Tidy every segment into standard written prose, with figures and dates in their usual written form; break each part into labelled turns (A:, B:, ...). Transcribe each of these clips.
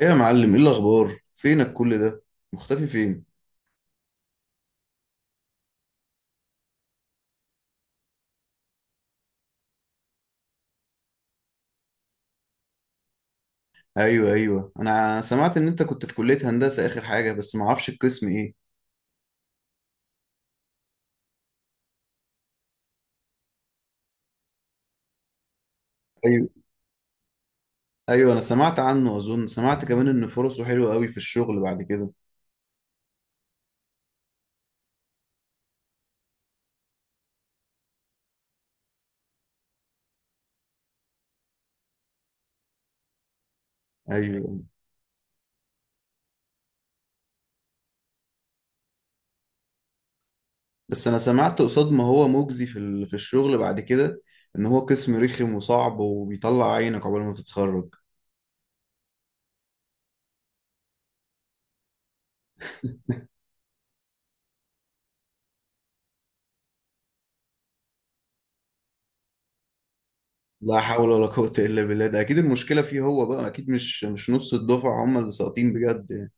A: ايه يا معلم، ايه الاخبار؟ فينك كل ده؟ مختفي فين؟ ايوه، ايوه، انا سمعت ان انت كنت في كلية هندسة اخر حاجة، بس ما اعرفش القسم ايه؟ ايوه، ايوه، انا سمعت عنه، اظن سمعت كمان ان فرصه حلوة قوي في الشغل بعد كده. ايوه. بس انا سمعت قصاد ما هو مجزي في في الشغل بعد كده، ان هو قسم رخم وصعب وبيطلع عينك عقبال ما تتخرج. لا حول ولا قوة الا بالله، ده اكيد المشكلة فيه هو بقى، اكيد مش نص الدفعة هم اللي ساقطين بجد يعني.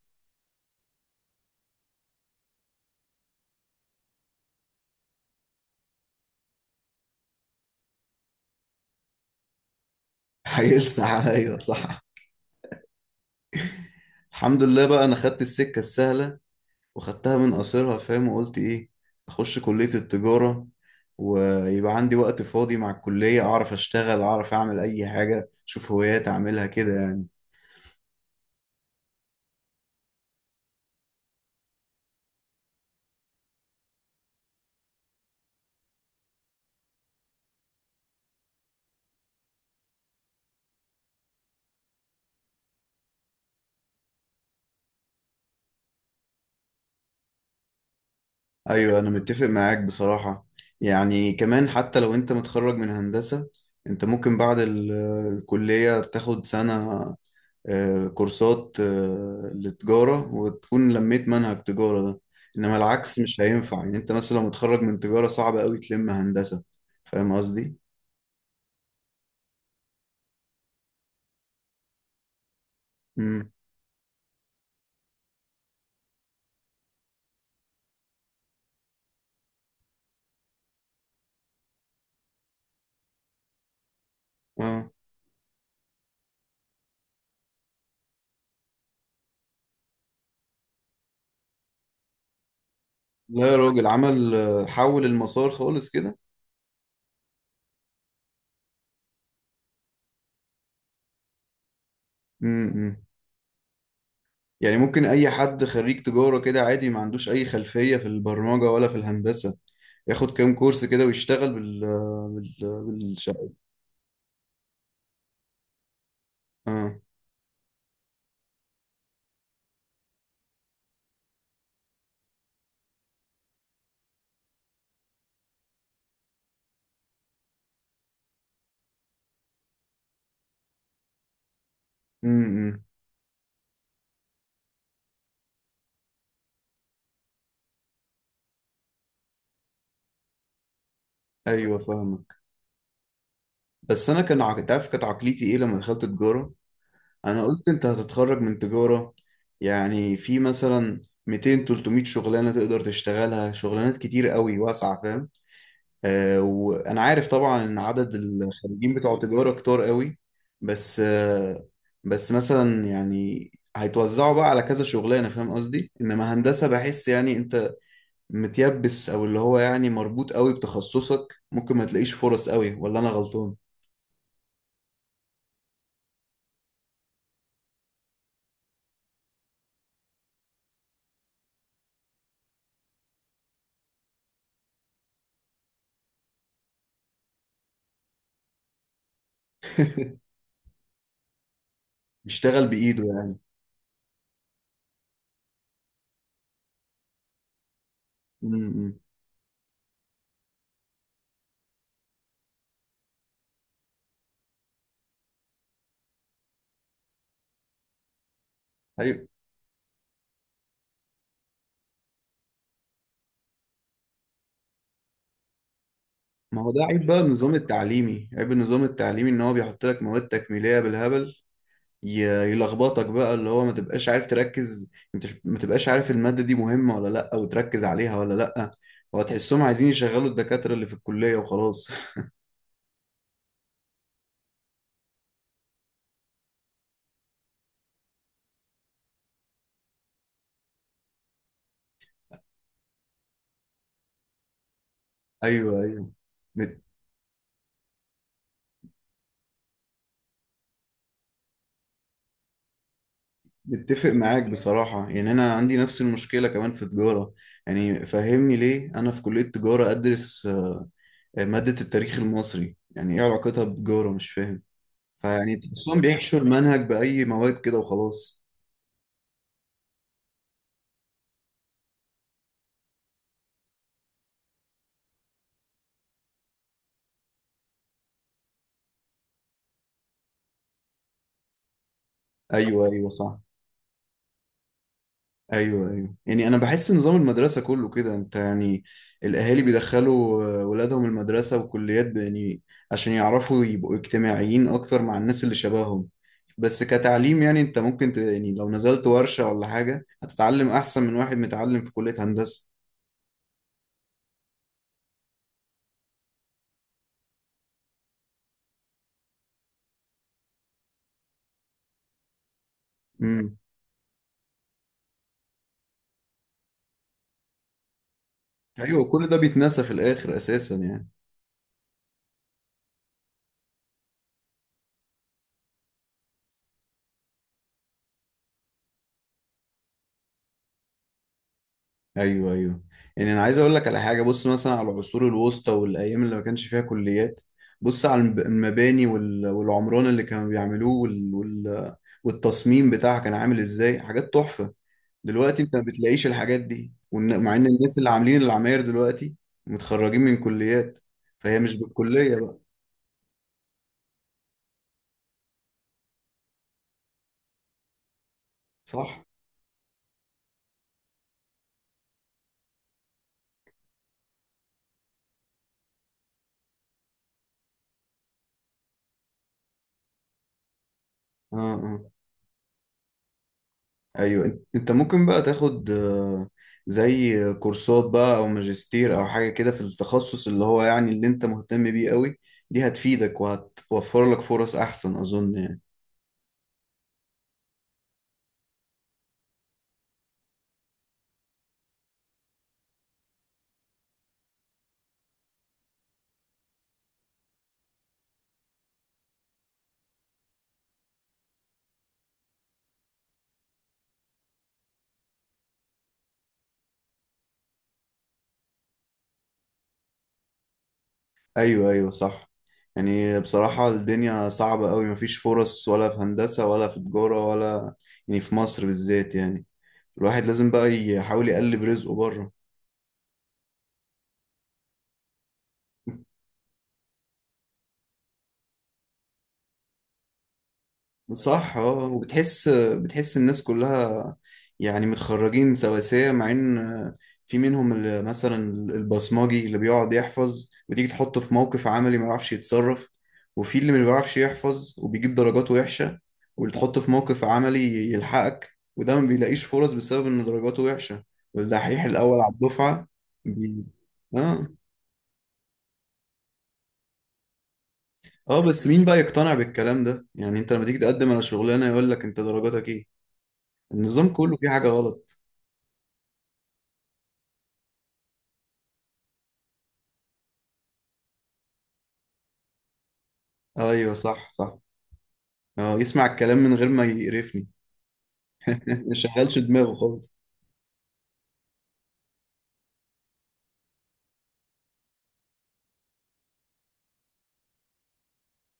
A: هيلسع عليا صح؟ الحمد لله بقى، انا خدت السكه السهله، وخدتها من قصرها فاهم، وقلت ايه؟ اخش كليه التجاره، ويبقى عندي وقت فاضي مع الكليه، اعرف اشتغل، اعرف اعمل اي حاجه، اشوف هوايات اعملها كده يعني. ايوه انا متفق معاك بصراحه. يعني كمان حتى لو انت متخرج من هندسه، انت ممكن بعد الكليه تاخد سنه كورسات لتجارة وتكون لميت منهج تجارة ده. إنما العكس مش هينفع، يعني أنت مثلا لو متخرج من تجارة صعب أوي تلم هندسة. فاهم قصدي؟ امم. اه، لا يا راجل عمل حول المسار خالص كده. امم. يعني ممكن أي حد خريج تجارة كده عادي ما عندوش أي خلفية في البرمجة ولا في الهندسة، ياخد كام كورس كده ويشتغل بالشقة؟ اه. امم. ايوه فاهمك. بس انا تعرف كانت عقليتي ايه لما دخلت تجاره؟ انا قلت انت هتتخرج من تجارة، يعني في مثلا 200 300 شغلانة تقدر تشتغلها، شغلانات كتير قوي واسعة فاهم. آه، وانا عارف طبعا ان عدد الخريجين بتوع تجارة كتار قوي. بس آه، بس مثلا يعني هيتوزعوا بقى على كذا شغلانة فاهم قصدي، انما هندسة بحس يعني انت متيبس، او اللي هو يعني مربوط قوي بتخصصك، ممكن ما تلاقيش فرص قوي، ولا انا غلطان؟ بيشتغل بايده يعني. م- م. أيوة. ما هو ده عيب بقى، النظام التعليمي عيب، النظام التعليمي ان هو بيحط لك مواد تكميليه بالهبل، يلخبطك بقى، اللي هو ما تبقاش عارف تركز انت، ما تبقاش عارف الماده دي مهمه ولا لا وتركز عليها ولا لا، هو تحسهم عايزين يشغلوا الدكاتره اللي في الكليه وخلاص. ايوه، ايوه، مت- متفق معاك بصراحه، يعني انا عندي نفس المشكله كمان في تجاره. يعني فهمني ليه انا في كليه تجاره ادرس ماده التاريخ المصري، يعني ايه علاقتها بتجاره؟ مش فاهم. فيعني تحسهم بيحشوا المنهج بأي مواد كده وخلاص. أيوه، أيوه، صح. أيوه، أيوه، يعني أنا بحس نظام المدرسة كله كده، أنت يعني الأهالي بيدخلوا ولادهم المدرسة والكليات يعني عشان يعرفوا يبقوا اجتماعيين أكتر مع الناس اللي شبههم. بس كتعليم، يعني أنت ممكن يعني لو نزلت ورشة ولا حاجة هتتعلم أحسن من واحد متعلم في كلية هندسة. امم. أيوه، كل ده بيتنسى في الآخر أساسا يعني. ايوه، ايوه، يعني انا عايز اقول لك على حاجه، بص مثلا على العصور الوسطى والايام اللي ما كانش فيها كليات، بص على المباني والعمران اللي كانوا بيعملوه والتصميم بتاعها كان عامل ازاي، حاجات تحفه. دلوقتي انت ما بتلاقيش الحاجات دي، مع ان الناس اللي عاملين العماير دلوقتي متخرجين من كليات، فهي مش بالكليه بقى. صح، اه، اه. ايوه، انت أنت ممكن بقى تاخد زي كورسات بقى او ماجستير او حاجه كده في التخصص اللي هو يعني اللي انت مهتم بيه قوي، دي هتفيدك وهتوفر لك فرص احسن اظن يعني. ايوه، ايوه، صح. يعني بصراحه الدنيا صعبه قوي، مفيش فرص ولا في هندسه ولا في تجاره ولا، يعني في مصر بالذات يعني، الواحد لازم بقى يحاول يقلب رزقه بره. صح، اه. وبتحس الناس كلها يعني متخرجين سواسية، مع ان في منهم اللي مثلا البصماجي اللي بيقعد يحفظ، وتيجي تحطه في موقف عملي ما يعرفش يتصرف، وفي اللي ما بيعرفش يحفظ وبيجيب درجات وحشة واللي تحطه في موقف عملي يلحقك، وده ما بيلاقيش فرص بسبب ان درجاته وحشة، والدحيح الأول على الدفعة. بي... اه، اه، بس مين بقى يقتنع بالكلام ده؟ يعني انت لما تيجي تقدم على شغلانة يقول لك انت درجاتك ايه، النظام كله فيه حاجة غلط. ايوه، صح، صح. اه، يسمع الكلام من غير ما يقرفني. ما شغلش دماغه خالص.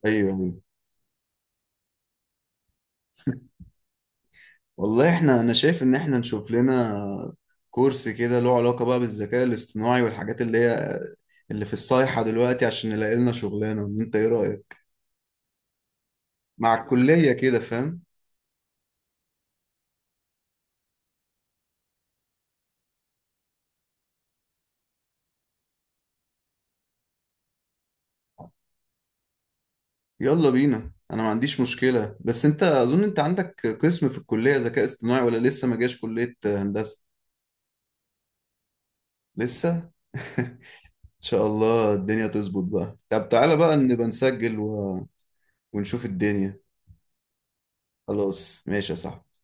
A: ايوه، ايوه، والله احنا، انا شايف ان احنا نشوف لنا كورس كده له علاقة بقى بالذكاء الاصطناعي والحاجات اللي هي اللي في الصيحة دلوقتي، عشان نلاقي لنا شغلانة، انت ايه رأيك؟ مع الكلية كده فاهم. يلا بينا، انا ما عنديش مشكلة، بس انت اظن انت عندك قسم في الكلية ذكاء اصطناعي ولا لسه ما جاش كلية هندسة؟ لسه. ان شاء الله الدنيا تظبط بقى. طب تعالى بقى نبقى نسجل ونشوف الدنيا. خلاص ماشي يا صاحبي.